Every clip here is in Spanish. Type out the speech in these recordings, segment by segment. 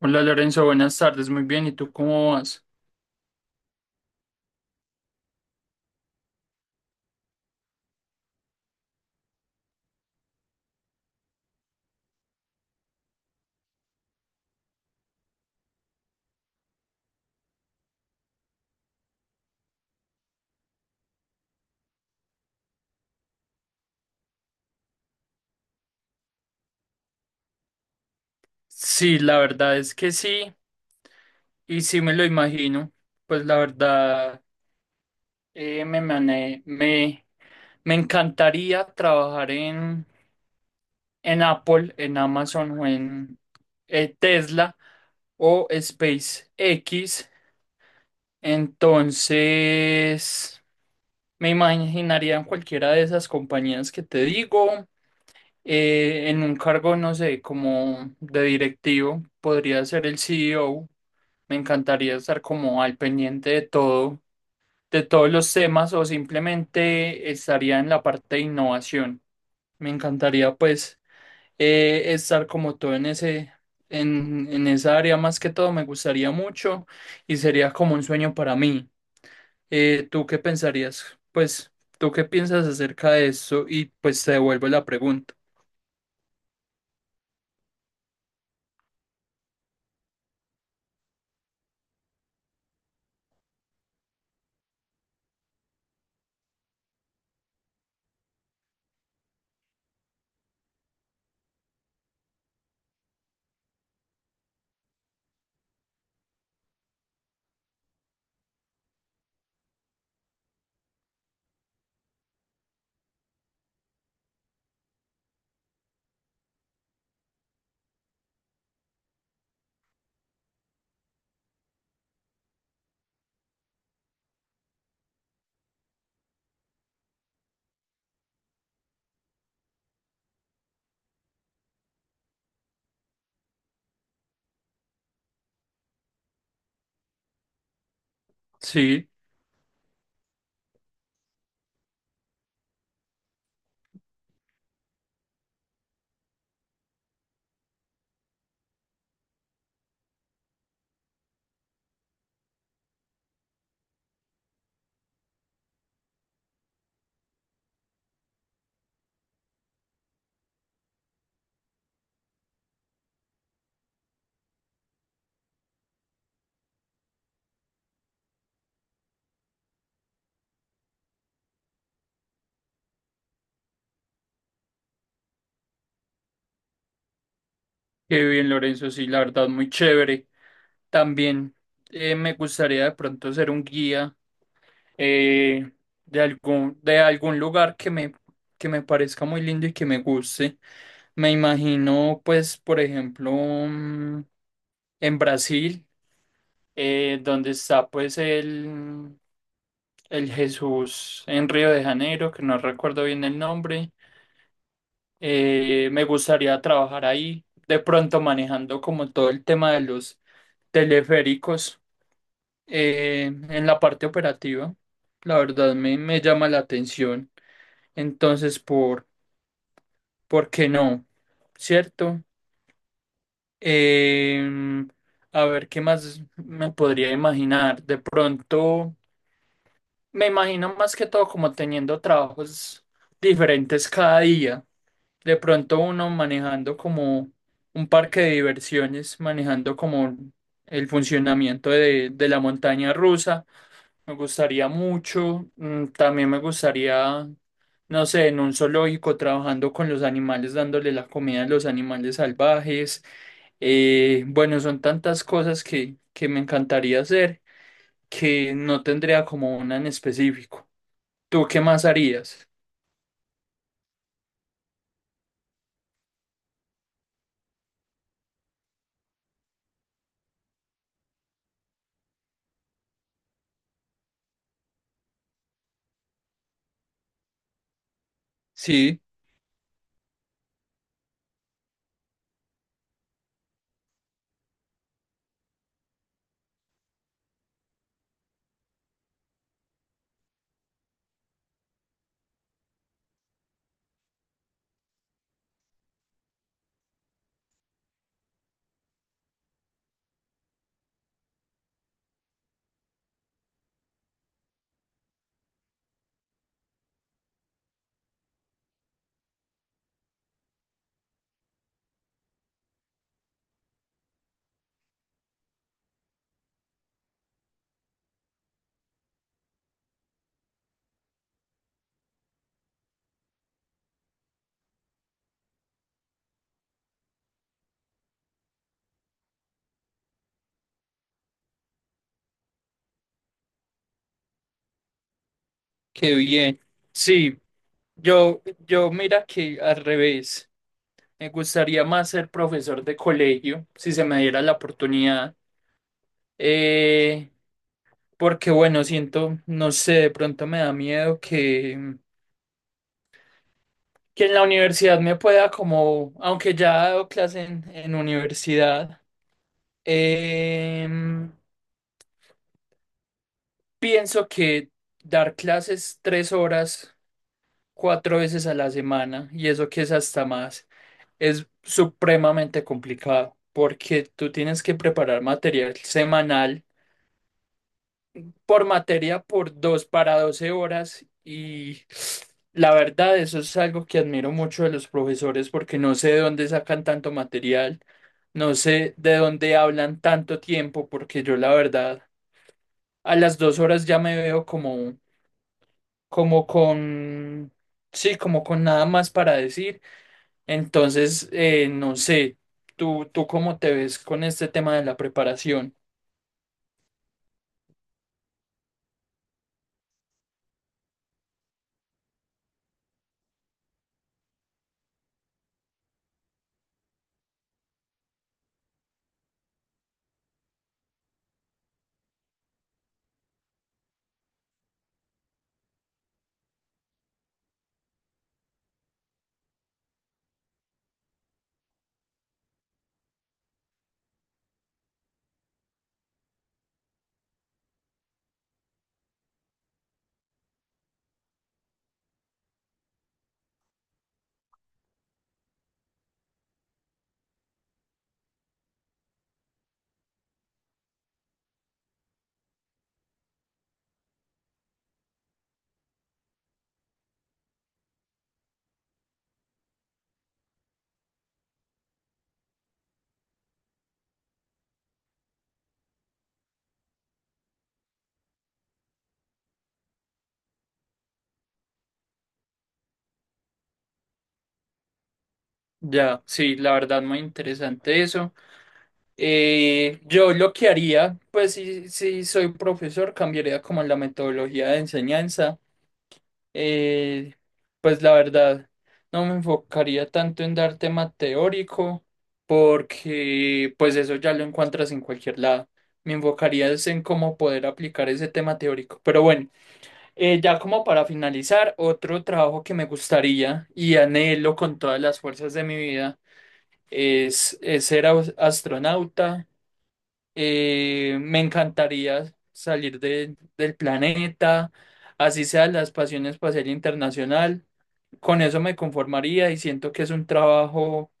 Hola Lorenzo, buenas tardes, muy bien, ¿y tú cómo vas? Sí, la verdad es que sí, y sí me lo imagino, pues la verdad eh, me, mane- me, me encantaría trabajar en, Apple, en Amazon o en Tesla o SpaceX, entonces me imaginaría en cualquiera de esas compañías que te digo, en un cargo, no sé, como de directivo, podría ser el CEO. Me encantaría estar como al pendiente de todo, de todos los temas o simplemente estaría en la parte de innovación. Me encantaría pues estar como todo en esa área más que todo, me gustaría mucho y sería como un sueño para mí. ¿Tú qué pensarías? Pues, ¿tú qué piensas acerca de eso? Y pues te devuelvo la pregunta. Sí. Qué bien, Lorenzo, sí, la verdad, muy chévere. También me gustaría de pronto ser un guía, eh, de algún lugar que me parezca muy lindo y que me guste. Me imagino, pues, por ejemplo, en Brasil, donde está pues el Jesús en Río de Janeiro, que no recuerdo bien el nombre. Me gustaría trabajar ahí, de pronto manejando como todo el tema de los teleféricos, en la parte operativa, la verdad me llama la atención. Entonces, ¿Por qué no? ¿Cierto? Em, a ver, ¿qué más me podría imaginar? De pronto, me imagino más que todo como teniendo trabajos diferentes cada día. De pronto uno manejando como un parque de diversiones, manejando como el funcionamiento de la montaña rusa. Me gustaría mucho. También me gustaría, no sé, en un zoológico trabajando con los animales, dándole la comida a los animales salvajes. Bueno, son tantas cosas que me encantaría hacer que no tendría como una en específico. ¿Tú qué más harías? Sí, qué bien. Sí, yo mira que al revés. Me gustaría más ser profesor de colegio, si se me diera la oportunidad. Eh, Porque bueno, siento, no sé, de pronto me da miedo que en la universidad me pueda como, aunque ya he dado clase en universidad, em, pienso que dar clases 3 horas, 4 veces a la semana, y eso que es hasta más, es supremamente complicado, porque tú tienes que preparar material semanal por materia por 2 para 12 horas. Y la verdad eso es algo que admiro mucho de los profesores porque no sé de dónde sacan tanto material, no sé de dónde hablan tanto tiempo porque yo la verdad a las 2 horas ya me veo como con, sí, como con nada más para decir. Entonces, no sé, ¿tú cómo te ves con este tema de la preparación? Ya, sí, la verdad muy interesante eso. Yo lo que haría, pues si soy profesor, cambiaría como la metodología de enseñanza. Eh, pues la verdad, no me enfocaría tanto en dar tema teórico, porque pues eso ya lo encuentras en cualquier lado. Me enfocaría es en cómo poder aplicar ese tema teórico. Pero bueno, ya como para finalizar, otro trabajo que me gustaría y anhelo con todas las fuerzas de mi vida es ser astronauta. Me encantaría salir del planeta, así sea la Pasión Espacial Internacional. Con eso me conformaría y siento que es un trabajo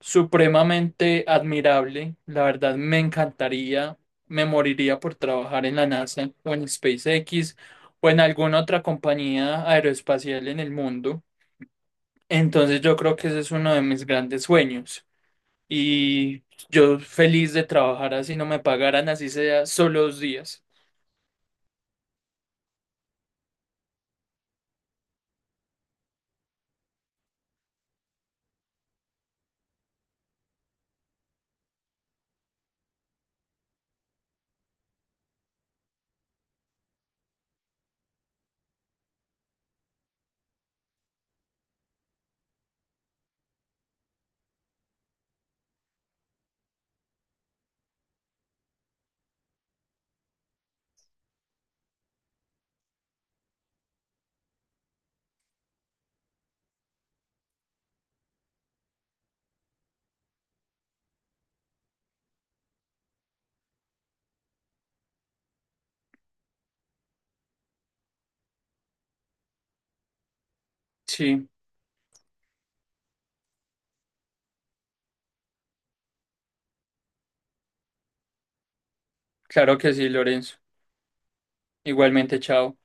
supremamente admirable. La verdad, me encantaría, me moriría por trabajar en la NASA o en SpaceX o en alguna otra compañía aeroespacial en el mundo. Entonces yo creo que ese es uno de mis grandes sueños y yo feliz de trabajar así no me pagaran, así sea solo 2 días. Sí, claro que sí, Lorenzo. Igualmente, chao.